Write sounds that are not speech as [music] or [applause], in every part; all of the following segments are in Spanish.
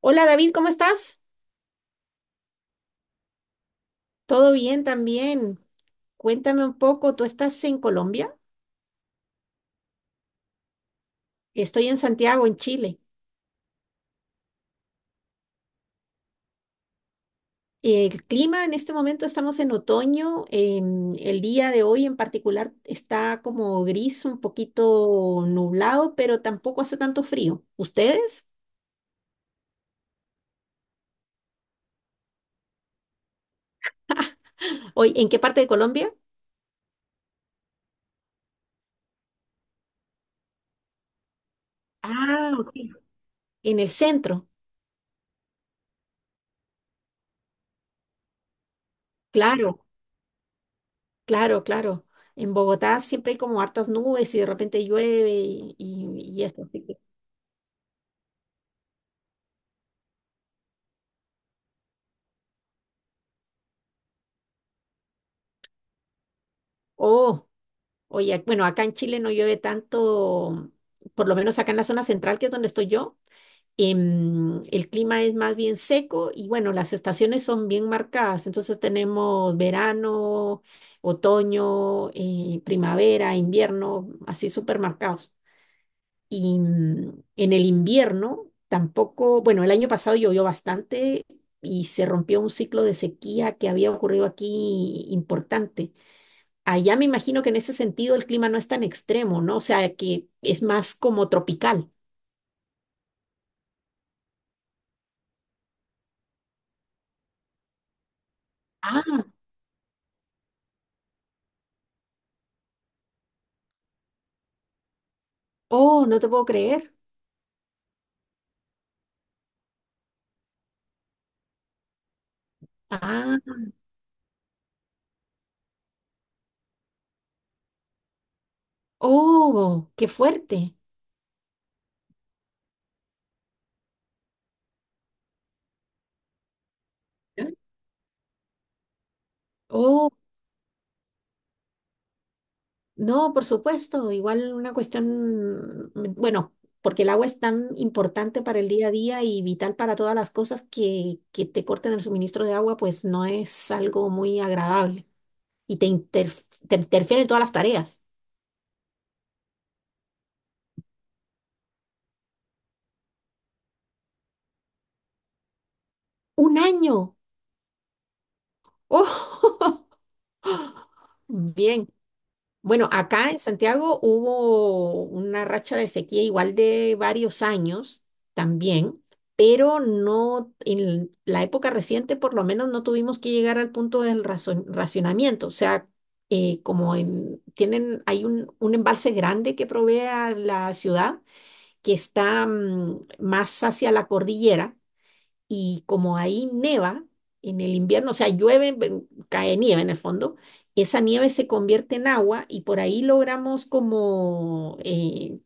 Hola David, ¿cómo estás? Todo bien también. Cuéntame un poco, ¿tú estás en Colombia? Estoy en Santiago, en Chile. El clima en este momento estamos en otoño. El día de hoy en particular está como gris, un poquito nublado, pero tampoco hace tanto frío. ¿Ustedes? Hoy, ¿en qué parte de Colombia? Ah, ok. En el centro. Claro, claro, claro. En Bogotá siempre hay como hartas nubes y de repente llueve y eso. Así que- Oh. Oye, bueno, acá en Chile no llueve tanto, por lo menos acá en la zona central, que es donde estoy yo. El clima es más bien seco y bueno, las estaciones son bien marcadas. Entonces tenemos verano, otoño, primavera, invierno, así súper marcados. Y en el invierno tampoco, bueno, el año pasado llovió bastante y se rompió un ciclo de sequía que había ocurrido aquí importante. Allá me imagino que en ese sentido el clima no es tan extremo, ¿no? O sea, que es más como tropical. Ah, oh, no te puedo creer. Ah, oh, qué fuerte. ¿No? Oh, no, por supuesto, igual una cuestión, mm, bueno, porque el agua es tan importante para el día a día y vital para todas las cosas que te corten el suministro de agua, pues no es algo muy agradable y te interfiere en todas las tareas. Un año. Oh, [laughs] bien. Bueno, acá en Santiago hubo una racha de sequía igual de varios años también, pero no en la época reciente por lo menos no tuvimos que llegar al punto del racionamiento. O sea, como tienen, hay un embalse grande que provee a la ciudad que está más hacia la cordillera. Y como ahí neva en el invierno, o sea, llueve, cae nieve en el fondo, esa nieve se convierte en agua y por ahí logramos como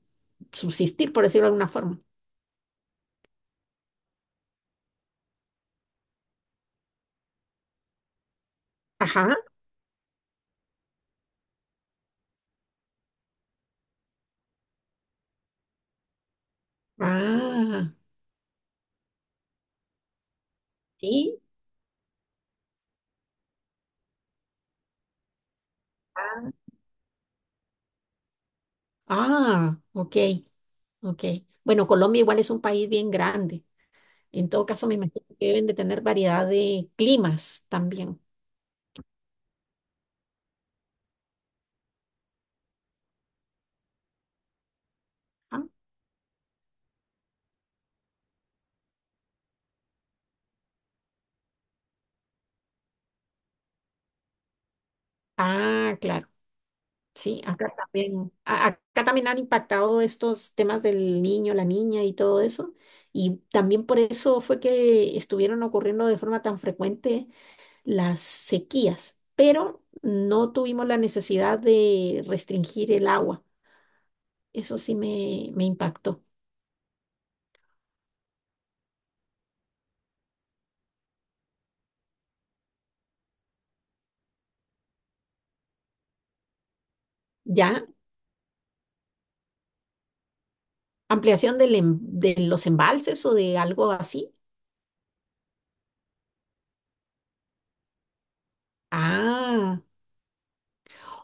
subsistir, por decirlo de alguna forma. Ajá. Ah, sí. Ah, ah, ok, ok. Bueno, Colombia igual es un país bien grande. En todo caso, me imagino que deben de tener variedad de climas también. Ah, ah, claro. Sí, acá también, acá también han impactado estos temas del niño, la niña y todo eso. Y también por eso fue que estuvieron ocurriendo de forma tan frecuente las sequías, pero no tuvimos la necesidad de restringir el agua. Eso sí me impactó. ¿Ya? ¿Ampliación de los embalses o de algo así? Ah.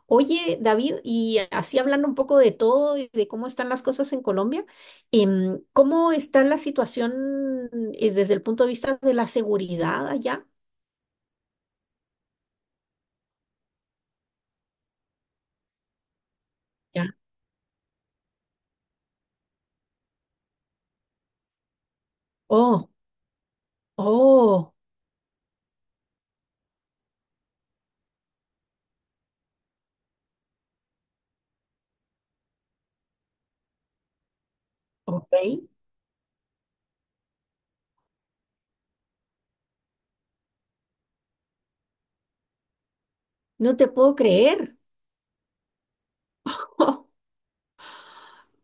Oye, David, y así hablando un poco de todo y de cómo están las cosas en Colombia, ¿cómo está la situación desde el punto de vista de la seguridad allá? Ya. Oh, oh, ok. No te puedo creer. [laughs] Oh,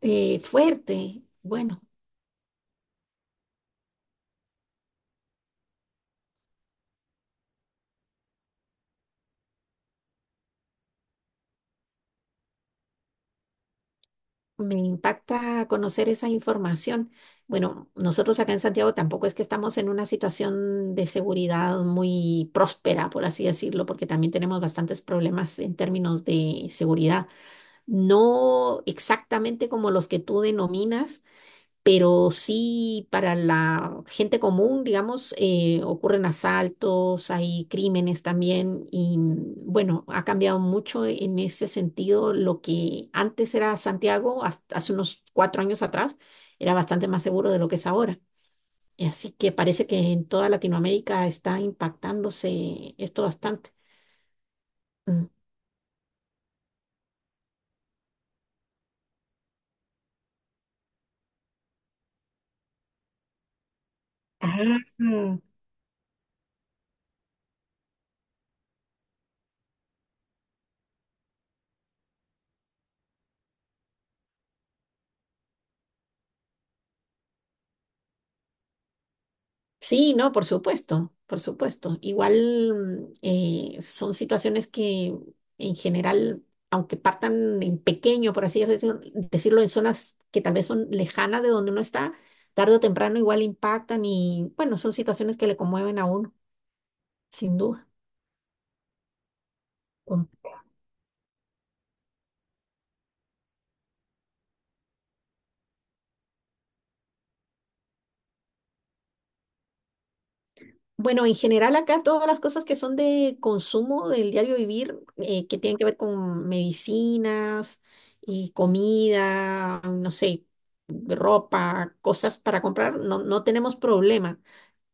fuerte. Bueno. Me impacta conocer esa información. Bueno, nosotros acá en Santiago tampoco es que estamos en una situación de seguridad muy próspera, por así decirlo, porque también tenemos bastantes problemas en términos de seguridad. No exactamente como los que tú denominas, pero sí para la gente común, digamos, ocurren asaltos, hay crímenes también y bueno, ha cambiado mucho en ese sentido lo que antes era Santiago, hace unos cuatro años atrás, era bastante más seguro de lo que es ahora. Y así que parece que en toda Latinoamérica está impactándose esto bastante. Mm. Ah. Sí, no, por supuesto, por supuesto. Igual son situaciones que en general, aunque partan en pequeño, por así decirlo, en zonas que tal vez son lejanas de donde uno está, tarde o temprano igual impactan y bueno, son situaciones que le conmueven a uno, sin duda. Bueno, en general acá todas las cosas que son de consumo del diario vivir, que tienen que ver con medicinas y comida, no sé, ropa, cosas para comprar, no, no tenemos problema.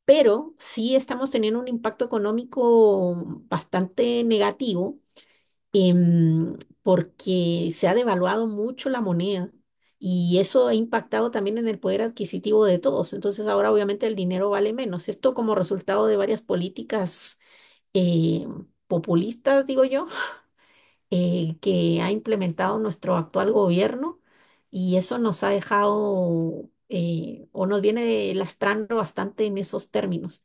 Pero sí estamos teniendo un impacto económico bastante negativo em, porque se ha devaluado mucho la moneda y eso ha impactado también en el poder adquisitivo de todos. Entonces ahora obviamente el dinero vale menos. Esto como resultado de varias políticas eh, populistas, digo yo que ha implementado nuestro actual gobierno y eso nos ha dejado o nos viene lastrando bastante en esos términos.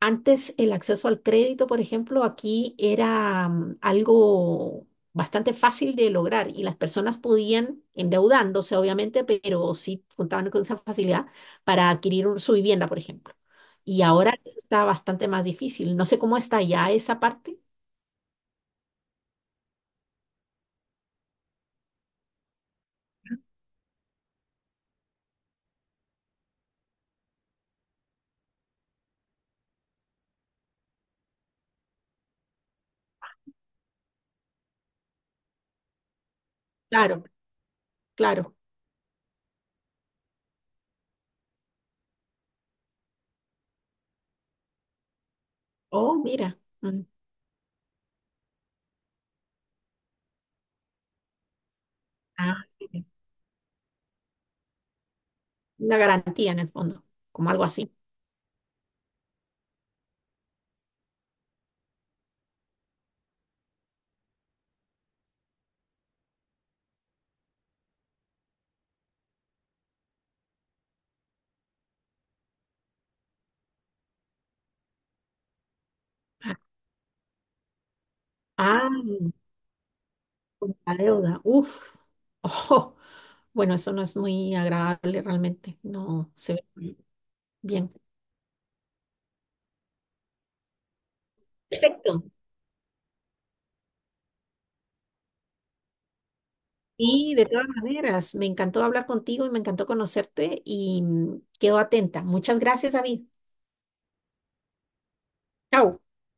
Antes el acceso al crédito, por ejemplo, aquí era algo bastante fácil de lograr y las personas podían, endeudándose obviamente, pero sí contaban con esa facilidad para adquirir su vivienda, por ejemplo. Y ahora está bastante más difícil. No sé cómo está ya esa parte. Claro, claro. Oh, mira. Mm. Ah, sí. Una garantía en el fondo, como algo así. Ah, ah, con la deuda. Uf. [laughs] Oh, bueno, eso no es muy agradable realmente. No se ve bien. Perfecto. Y de todas maneras, me encantó hablar contigo y me encantó conocerte y quedo atenta. Muchas gracias, David. Chao.